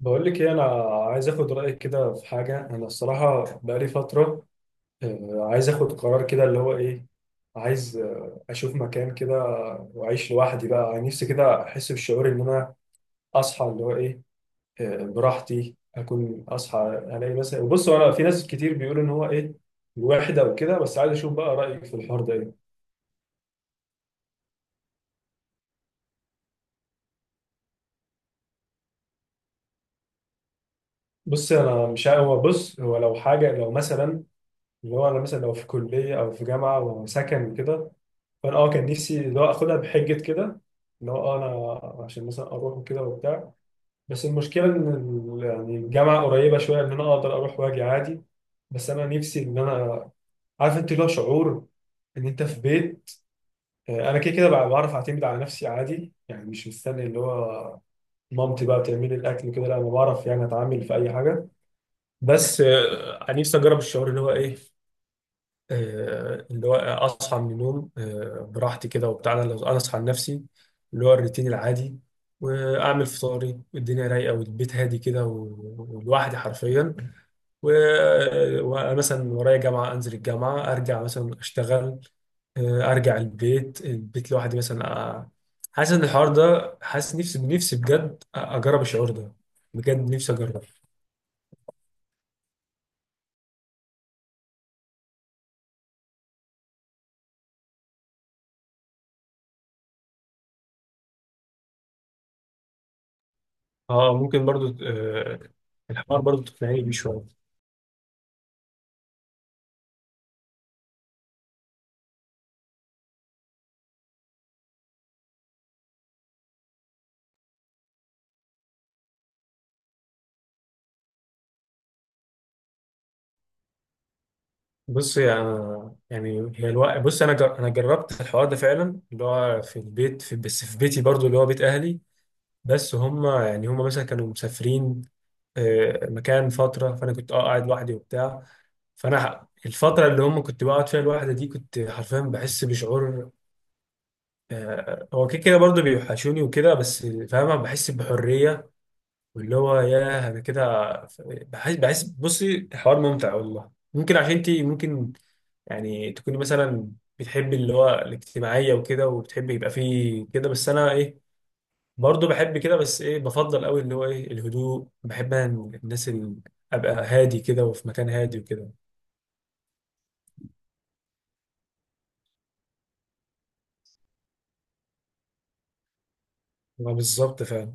بقول لك ايه؟ انا عايز اخد رايك كده في حاجه. انا الصراحه بقالي فتره، عايز اخد قرار كده. اللي هو ايه؟ عايز اشوف مكان كده واعيش لوحدي، بقى نفسي كده احس بالشعور ان انا اصحى، اللي هو ايه براحتي، اكون اصحى. الاقي مثلا، بص انا في ناس كتير بيقولوا ان هو ايه الوحده وكده، بس عايز اشوف بقى رايك في الحوار ده ايه. بص انا مش عارف- هو بص، هو لو حاجه، لو مثلا اللي هو انا، مثلا لو في كليه او في جامعه وسكن وكده، فانا كان نفسي اللي هو اخدها بحجه كده، اللي هو انا عشان مثلا اروح وكده وبتاع. بس المشكله ان يعني الجامعه قريبه شويه، ان انا اقدر اروح واجي عادي. بس انا نفسي ان انا، عارف انت اللي هو شعور ان انت في بيت. انا كده كده بقى بعرف اعتمد على نفسي عادي، يعني مش مستني اللي هو مامتي بقى بتعمل لي الاكل كده. لا، انا بعرف يعني اتعامل في اي حاجه، بس نفسي اجرب الشعور اللي هو ايه. اللي هو اصحى من النوم براحتي كده وبتاع. انا لو انا اصحى لنفسي، اللي هو الروتين العادي، واعمل فطاري، والدنيا رايقه، والبيت هادي كده ولوحدي حرفيا. و- ومثلا ورايا جامعه، انزل الجامعه، ارجع مثلا اشتغل، ارجع البيت لوحدي مثلا، حاسس ان الحوار ده، حاسس نفسي نفسي بجد اجرب الشعور ده. بجد نفسي اجرب. اه ممكن برضو، الحوار برضو تقنعني بيه شويه. بص يعني هي الوقت. بص، انا جربت الحوار ده فعلا، اللي هو في البيت، بس في بيتي برضو اللي هو بيت اهلي. بس هم، يعني هم مثلا كانوا مسافرين مكان فتره، فانا كنت قاعد لوحدي وبتاع. الفتره اللي هم كنت بقعد فيها لوحدي دي، كنت حرفيا بحس بشعور هو كده كده برضو بيوحشوني وكده، بس فاهمه بحس بحريه. واللي هو ياه، انا كده بحس بصي، الحوار ممتع والله. ممكن عشان انت ممكن يعني تكوني مثلا بتحبي اللي هو الاجتماعية وكده، وبتحبي يبقى فيه كده، بس أنا إيه، برضه بحب كده، بس إيه، بفضل أوي اللي هو إيه الهدوء. بحب أنا، الناس اللي أبقى هادي كده، وفي مكان هادي وكده. ما بالظبط فعلا.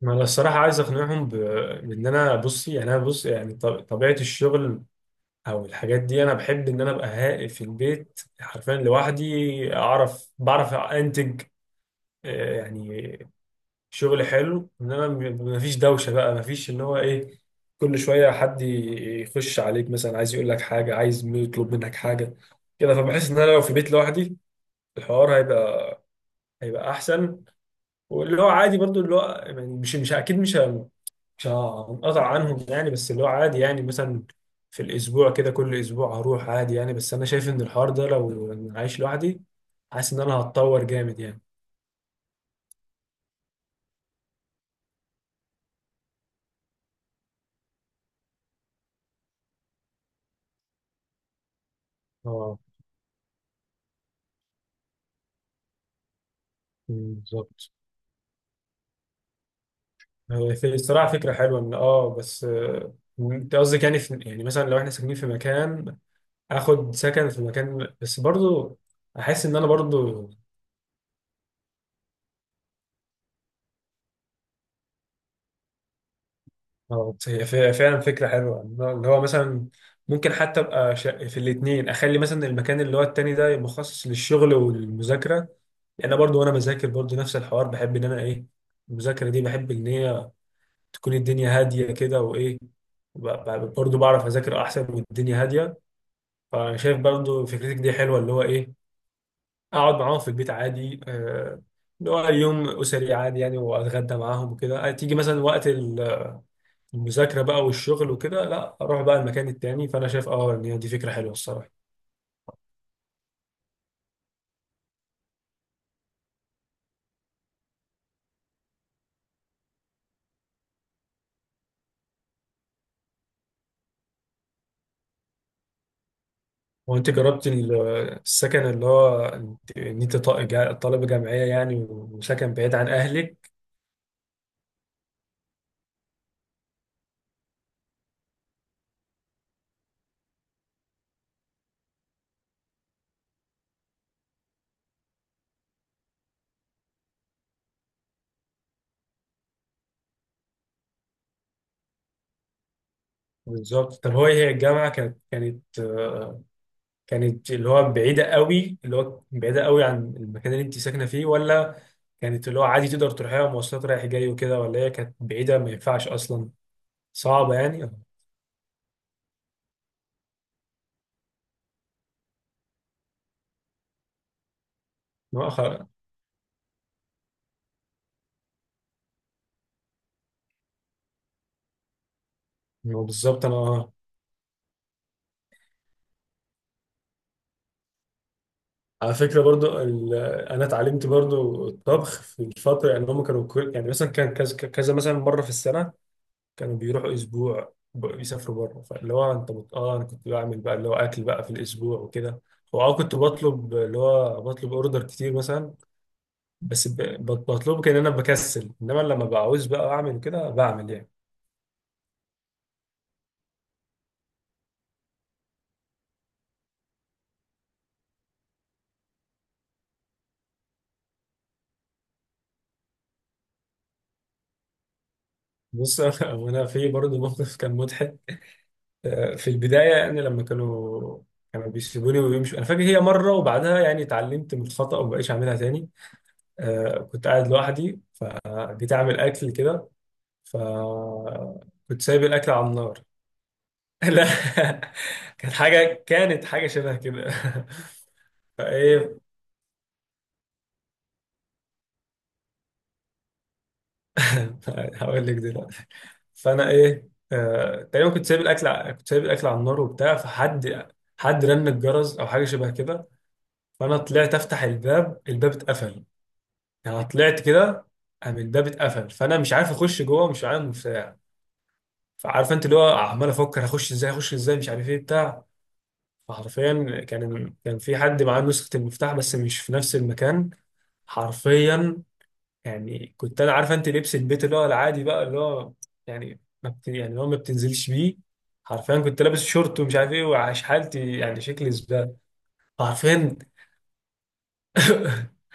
ما أنا الصراحة عايز أقنعهم بإن أنا، بصي يعني أنا بص، يعني طبيعة الشغل أو الحاجات دي، أنا بحب إن أنا أبقى هادي في البيت حرفيا لوحدي، بعرف أنتج يعني شغل حلو، انما مفيش دوشه بقى، مفيش اللي هو ايه كل شويه حد يخش عليك، مثلا عايز يقول لك حاجه، عايز يطلب منك حاجه كده. فبحس ان انا لو في بيت لوحدي، الحوار هيبقى احسن. واللي هو عادي برضو، اللي هو يعني مش اكيد مش هنقطع عنهم يعني، بس اللي هو عادي يعني مثلا في الاسبوع كده، كل اسبوع هروح عادي يعني. بس انا شايف ان الحوار ده لو أنا عايش لوحدي، حاسس ان انا هتطور جامد يعني. اه، بالظبط. هو في الصراحة فكرة حلوة إن بس أنت قصدك يعني في، يعني مثلا لو إحنا ساكنين في مكان، آخد سكن في مكان. بس برضو أحس إن أنا برضو هي فعلا فكرة حلوة اللي هو مثلا ممكن حتى أبقى في الاتنين، أخلي مثلا المكان اللي هو التاني ده مخصص للشغل والمذاكرة. لأن أنا برضو، وأنا بذاكر برضو نفس الحوار، بحب إن أنا إيه، المذاكرة دي بحب إن هي تكون الدنيا هادية كده وإيه ب- برضو بعرف أذاكر أحسن والدنيا هادية. فانا شايف برضو فكرتك دي حلوه، اللي هو ايه، اقعد معاهم في البيت عادي، اللي هو يوم اسري عادي يعني، واتغدى معاهم وكده. تيجي مثلا وقت المذاكره بقى والشغل وكده، لا اروح بقى المكان التاني. فانا شايف ان هي دي فكره حلوه الصراحه. هو انت جربت السكن، اللي هو ان انت طالبه جامعيه يعني، وسكن بعيد عن اهلك؟ بالظبط. طب هو هي الجامعه كانت كانت اللي هو بعيدة قوي، اللي هو بعيدة قوي عن المكان اللي انت ساكنة فيه؟ ولا كانت اللي هو عادي تقدر تروحيها مواصلات رايح جاي وكده؟ ولا هي كانت بعيدة ما ينفعش أصلا؟ صعبة يعني. ما أخ- ما بالظبط أنا. على فكرة برضو أنا اتعلمت برضو الطبخ في الفترة، يعني هم كانوا يعني مثلا كان كذا كذا، مثلا مرة في السنة كانوا بيروحوا أسبوع يسافروا بره. فاللي هو أنت أنا كنت بعمل بقى اللي هو أكل بقى في الأسبوع وكده. كنت بطلب اللي هو بطلب أوردر كتير مثلا، بس بطلبه، كان انا بكسل، انما لما بعوز بقى اعمل كده، بعمل يعني. بص، وانا في برضه موقف كان مضحك، في البدايه، يعني لما كانوا بيسيبوني ويمشوا. انا فاكر هي مره وبعدها يعني اتعلمت من الخطا وما بقيتش اعملها تاني. كنت قاعد لوحدي فجيت اعمل اكل كده، فكنت سايب الاكل على النار. لا. كانت حاجه شبه كده. فايه؟ هقول لك دلوقتي. فانا ايه، تقريبا كنت سايب الاكل كنت سايب الاكل على النار وبتاع، فحد رن الجرس او حاجه شبه كده. فانا طلعت افتح الباب. الباب اتقفل، يعني طلعت كده، قام الباب اتقفل. فانا مش عارف اخش جوه، مش معايا مفتاح. فعارف انت اللي هو، عمال افكر هخش ازاي، هخش ازاي، مش عارف ايه بتاع. فحرفيا كان في حد معاه نسخه المفتاح، بس مش في نفس المكان حرفيا. يعني كنت انا، عارفه انت، لبس البيت اللي هو العادي بقى، اللي هو يعني ما بت... يعني اللي هو ما بتنزلش بيه. حرفيا كنت لابس شورت ومش عارف ايه، وعاش حالتي يعني، شكلي زباله حرفيا.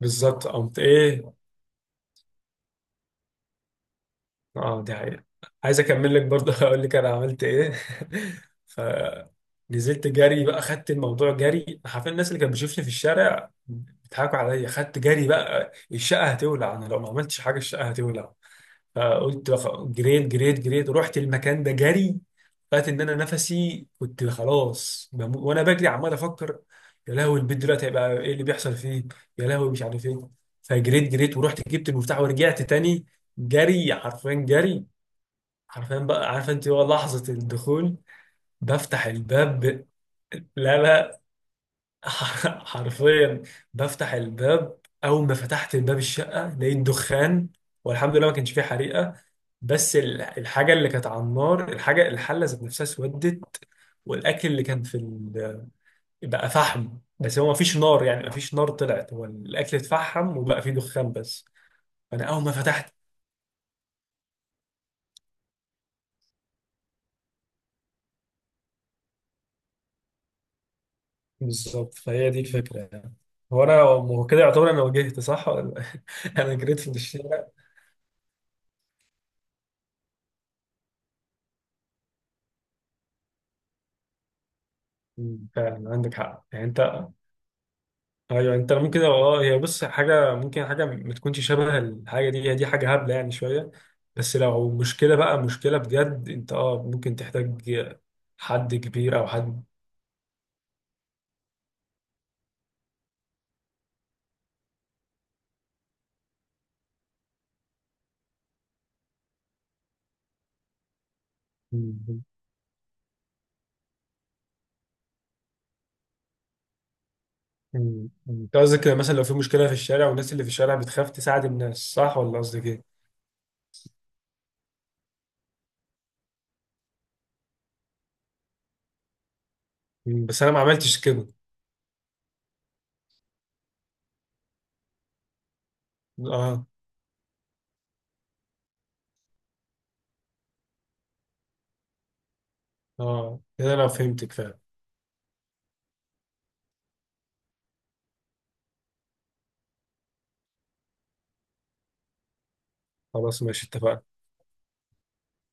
بالظبط، قمت ايه. اه، دي حقيقة. عايز اكمل لك برضه، اقول لك انا عملت ايه. ف نزلت جري بقى، خدت الموضوع جري حرفيا. الناس اللي كانت بتشوفني في الشارع بيضحكوا عليا. خدت جري بقى، الشقه هتولع، انا لو ما عملتش حاجه الشقه هتولع. فقلت جريت جريت جريت، رحت المكان ده جري. لقيت ان انا نفسي كنت خلاص وانا بجري عمال افكر، يا لهوي البيت دلوقتي هيبقى ايه اللي بيحصل فيه، يا لهوي مش عارف ايه. فجريت جريت، ورحت جبت المفتاح ورجعت تاني جري حرفيا. جري حرفيا بقى، عارفه انت، هو لحظه الدخول بفتح الباب. لا لا. حرفيا بفتح الباب، اول ما فتحت الباب الشقه لقيت دخان. والحمد لله ما كانش فيه حريقه. بس الحاجه اللي كانت على النار، الحاجه، الحله ذات نفسها اسودت، والاكل اللي كان في بقى فحم. بس هو ما فيش نار يعني، ما فيش نار طلعت، هو الاكل اتفحم وبقى فيه دخان بس. فانا اول ما فتحت. بالظبط، فهي دي الفكره يعني. هو انا هو كده يعتبر انا واجهت صح؟ ولا انا جريت في الشارع. مم. فعلا عندك حق يعني. انت ايوه، انت ممكن، هي بص، حاجه ممكن حاجه ما تكونش شبه الحاجه دي، هي دي حاجه هبله يعني شويه، بس لو مشكله بقى، مشكله بجد، انت ممكن تحتاج حد كبير او حد. مم. مم. انت قصدك مثلا لو في مشكله في الشارع، والناس اللي في الشارع بتخاف تساعد الناس، صح ولا قصدك ايه؟ مم. بس انا ما عملتش كده. اه، اه، كده انا فهمتك فعلا. خلاص ماشي، اتفقنا.